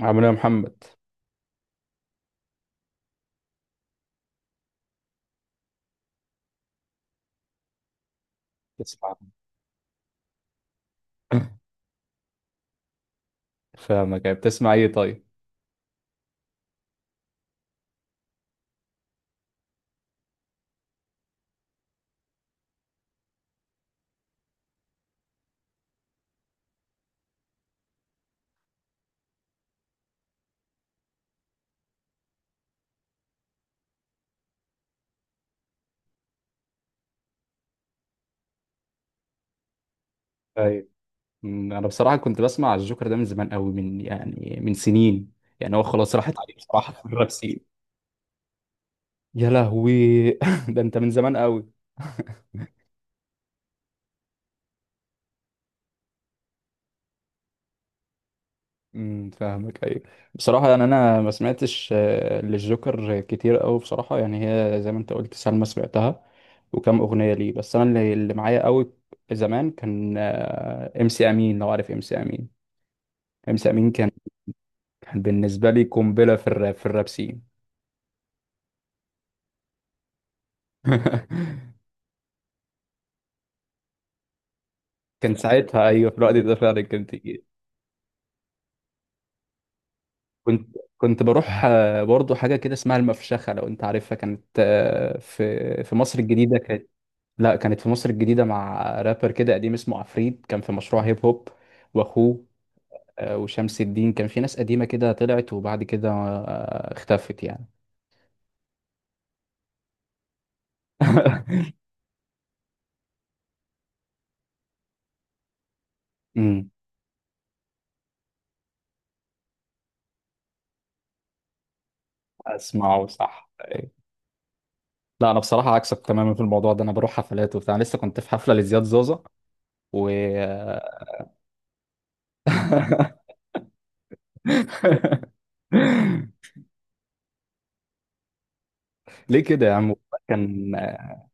عامل ايه يا محمد؟ تسمع؟ فاهمك. يعني بتسمع ايه طيب؟ طيب، انا بصراحه كنت بسمع الجوكر ده من زمان قوي، من يعني من سنين. يعني هو خلاص راحت عليه بصراحه في الراب سين. يا لهوي! ده انت من زمان قوي. فاهمك، ايوه. بصراحه يعني انا ما سمعتش للجوكر كتير قوي بصراحه، يعني هي زي ما انت قلت سلمى سمعتها وكم اغنيه ليه. بس انا اللي معايا قوي زمان كان ام سي امين، لو عارف ام سي امين. ام سي امين كان كان بالنسبة لي قنبلة في الراب، في الراب سين. كان ساعتها أيوه، في الوقت ده فعلا كنت كنت بروح برضه حاجة كده اسمها المفشخة، لو أنت عارفها. كانت في في مصر الجديدة، كانت لا كانت في مصر الجديدة مع رابر كده قديم اسمه عفريت، كان في مشروع هيب هوب وأخوه وشمس الدين. كان في ناس قديمة كده طلعت وبعد كده اختفت يعني. امم اسمعه، صح، أيوة. لا انا بصراحه عكسك تماما في الموضوع ده، انا بروح حفلات وبتاع، لسه كنت في حفله لزياد زوزه و ليه كده يا عم؟ كان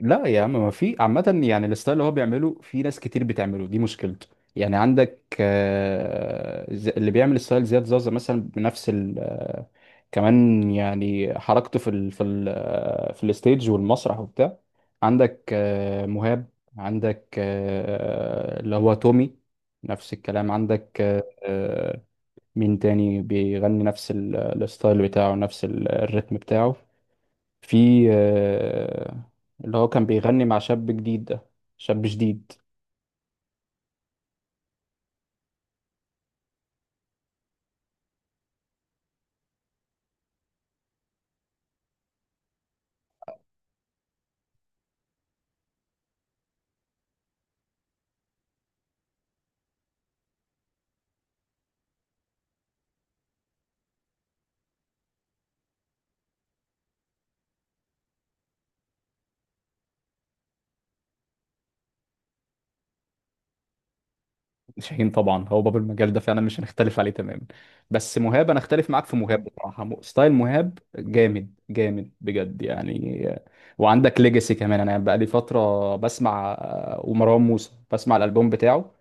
لا يا عم، ما في عامة، يعني الستايل اللي هو بيعمله في ناس كتير بتعمله، دي مشكلته. يعني عندك اللي بيعمل ستايل زياد زازا مثلا بنفس ال كمان، يعني حركته في ال في الستيج والمسرح وبتاع. عندك مهاب، عندك اللي هو تومي، نفس الكلام. عندك مين تاني بيغني نفس الستايل بتاعه، نفس الريتم بتاعه. في اللي هو كان بيغني مع شاب جديد ده، شاب جديد. شاهين طبعا هو باب المجال ده، فعلا مش هنختلف عليه تماما. بس مهاب انا اختلف معاك في مهاب بصراحه. ستايل مهاب جامد، جامد بجد يعني وعندك ليجاسي كمان. انا بقى لي فتره بسمع ومروان موسى، بسمع الالبوم بتاعه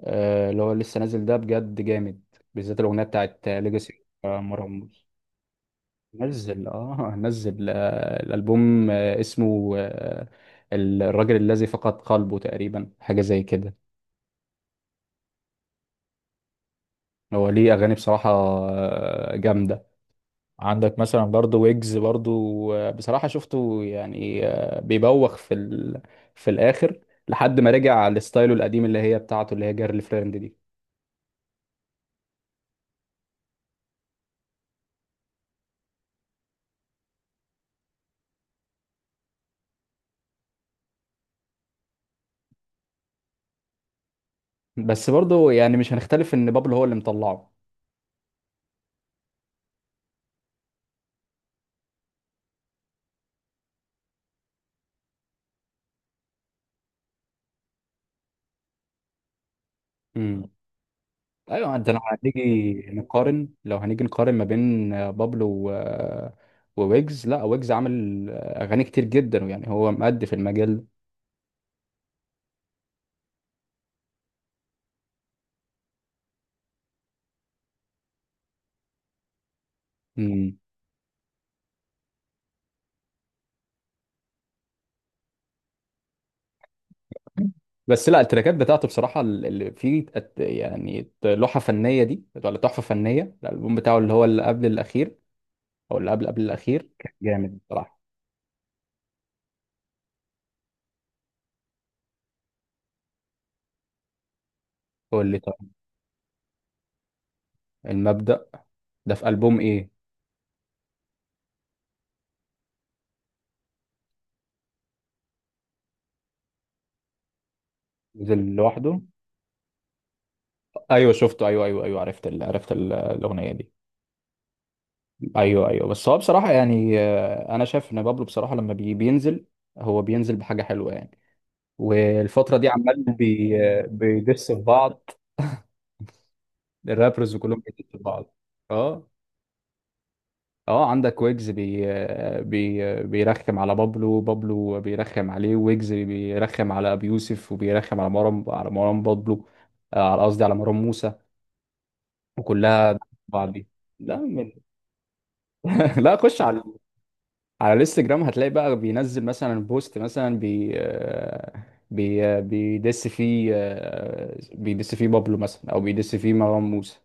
اللي هو لسه نازل ده، بجد جامد، بالذات الاغنيه بتاعت ليجاسي مروان موسى. نزل اه، نزل الالبوم اسمه الراجل الذي فقد قلبه تقريبا، حاجه زي كده. هو ليه اغاني بصراحه جامده. عندك مثلا برضو ويجز برضو بصراحه شفته، يعني بيبوخ في في الاخر، لحد ما رجع لستايله القديم اللي هي بتاعته، اللي هي جيرل فريند دي. بس برضو يعني مش هنختلف ان بابلو هو اللي مطلعه. مم. ايوه، ده لو هنيجي نقارن، لو هنيجي نقارن ما بين بابلو و... آه، وويجز، لا ويجز عامل اغاني كتير جدا، ويعني هو مأدي في المجال ده. مم. بس لا، التراكات بتاعته بصراحه اللي فيه يعني لوحه فنيه دي ولا تحفه فنيه، الالبوم بتاعه اللي هو اللي قبل الاخير او اللي قبل قبل الاخير كان جامد بصراحه. قول لي طيب. المبدأ ده في ألبوم ايه؟ نزل لوحده؟ ايوه شفته، ايوه ايوه ايوه، عرفت عرفت الاغنيه دي. ايوه ايوه. بس هو بصراحه يعني انا شايف ان بابلو بصراحه لما بينزل، هو بينزل بحاجه حلوه يعني. والفتره دي عمال بي آه، بيدس في بعض، الرابرز كلهم بيدسوا في بعض. اه اه. عندك ويجز بي آه، بي آه، بيرخم على بابلو، بابلو بيرخم عليه، ويجز بيرخم على ابي يوسف، وبيرخم على مروان، على مروان بابلو على قصدي على مروان موسى، وكلها بعض دي. لا من... لا، خش على على الانستجرام، هتلاقي بقى بينزل مثلا بوست مثلا بي آه، بي آه، بيدس فيه بيدس فيه بابلو مثلا او بيدس فيه مروان موسى.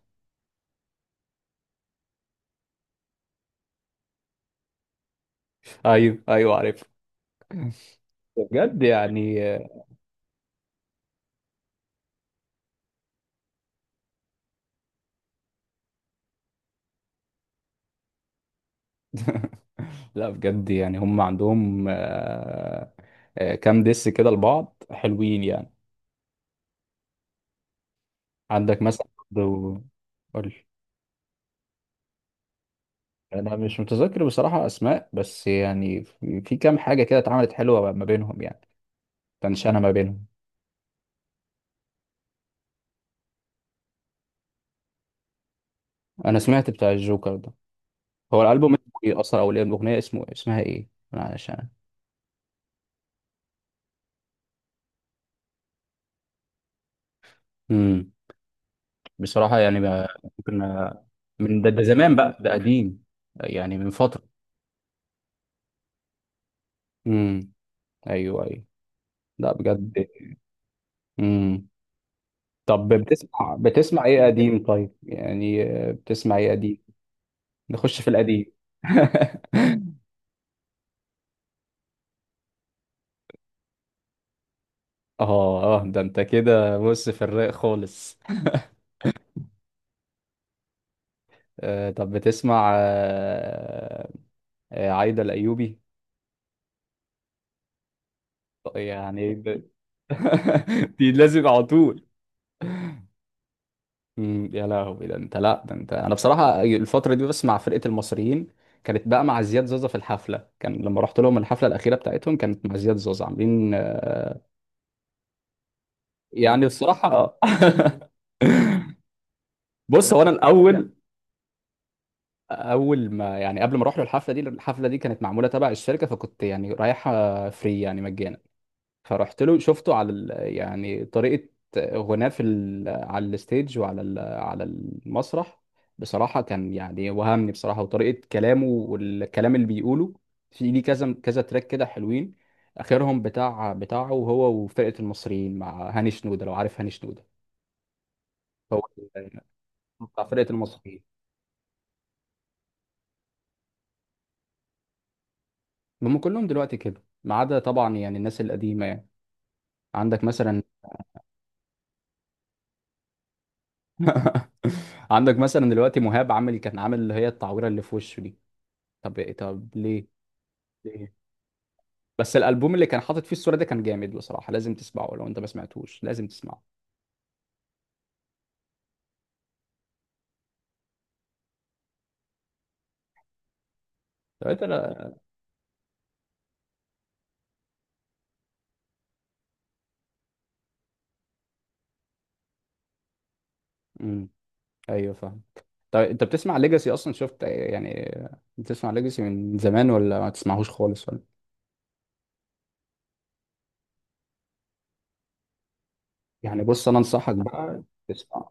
ايوه ايوه، عارف. بجد يعني لا بجد، يعني هم عندهم كام دس كده لبعض حلوين يعني. عندك مثلا برضو- قول لي. انا مش متذكر بصراحة اسماء، بس يعني في في كام حاجة كده اتعملت حلوة ما بينهم يعني، تنشانة ما بينهم. انا سمعت بتاع الجوكر ده، هو الالبوم اسمه ايه اصلا، او الاغنيه اسمه إيه؟ اسمها ايه؟ أنا علشان امم بصراحه يعني ممكن من ده، ده زمان بقى، ده قديم يعني، من فتره. امم ايوه ايوه. لا بجد. امم طب بتسمع، بتسمع ايه قديم طيب؟ يعني بتسمع ايه قديم؟ نخش في القديم. اه اه، ده انت كده بص في الرايق خالص. آه طب بتسمع آه، آه عايدة الأيوبي. يعني دي لازم على طول. مم، يا لهوي! ده انت، لا ده انت، انا بصراحه الفتره دي بس مع فرقه المصريين. كانت بقى مع زياد زوزة في الحفله، كان لما رحت لهم الحفله الاخيره بتاعتهم كانت مع زياد زوزة، عاملين يعني بصراحه آه. بص، هو انا الاول اول ما، يعني قبل ما اروح له الحفله دي، الحفله دي كانت معموله تبع الشركه، فكنت يعني رايحه فري يعني مجانا. فرحت له، شفته على يعني طريقة غناه في على الستيج، وعلى على المسرح، بصراحة كان يعني وهمني بصراحة، وطريقة كلامه والكلام اللي بيقوله. في ليه كذا كذا تراك كده حلوين، آخرهم بتاعه هو وفرقة المصريين مع هاني شنودة، لو عارف هاني شنودة. هو ال- بتاع فرقة المصريين. هم كلهم دلوقتي كده ما عدا طبعا يعني الناس القديمة يعني. عندك مثلا عندك مثلا دلوقتي مهاب عامل، كان عامل اللي هي التعويرة اللي في وشه دي. طب ليه؟ ليه؟ بس الالبوم اللي كان حاطط فيه الصوره ده كان جامد بصراحه، لازم تسمعه. لو انت ما سمعتوش لازم تسمعه. طب انت لا. امم ايوه، فاهم. طب انت بتسمع ليجاسي اصلا؟ شفت يعني، بتسمع ليجاسي من زمان، ولا ما تسمعهوش خالص، ولا؟ يعني بص، انا انصحك بقى تسمع.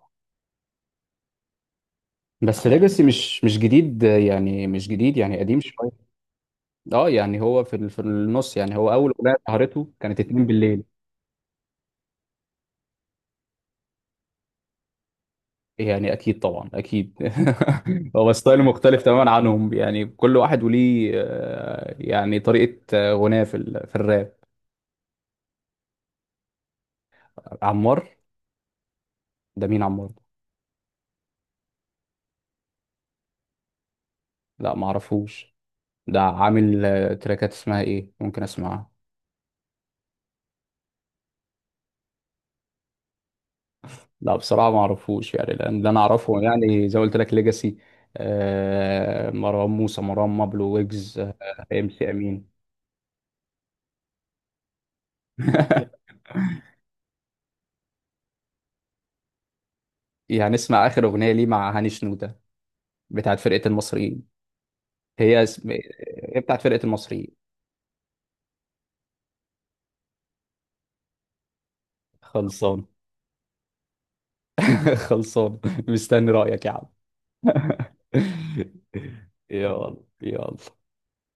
بس ليجاسي مش مش جديد يعني، مش جديد يعني، قديم شويه. اه يعني هو في في النص، يعني هو اول اغنيه ظهرته كانت 2 بالليل. يعني اكيد طبعا اكيد. هو ستايل مختلف تماما عنهم يعني، كل واحد وليه يعني طريقه غناء في في الراب. عمار؟ ده مين عمار ده؟ لا، ما اعرفوش. ده عامل تراكات اسمها ايه؟ ممكن اسمعها. لا بصراحه ما اعرفوش يعني، لان اللي انا اعرفه يعني زي ما قلت لك ليجاسي، مروان موسى، مروان مابلو، ويجز ام سي امين. يعني اسمع اخر اغنيه ليه مع هاني شنوده، بتاعت فرقه المصريين. هي اسم، هي بتاعت فرقة المصريين. خلصان. خلصان، مستني رأيك يا عم. يلا يلا.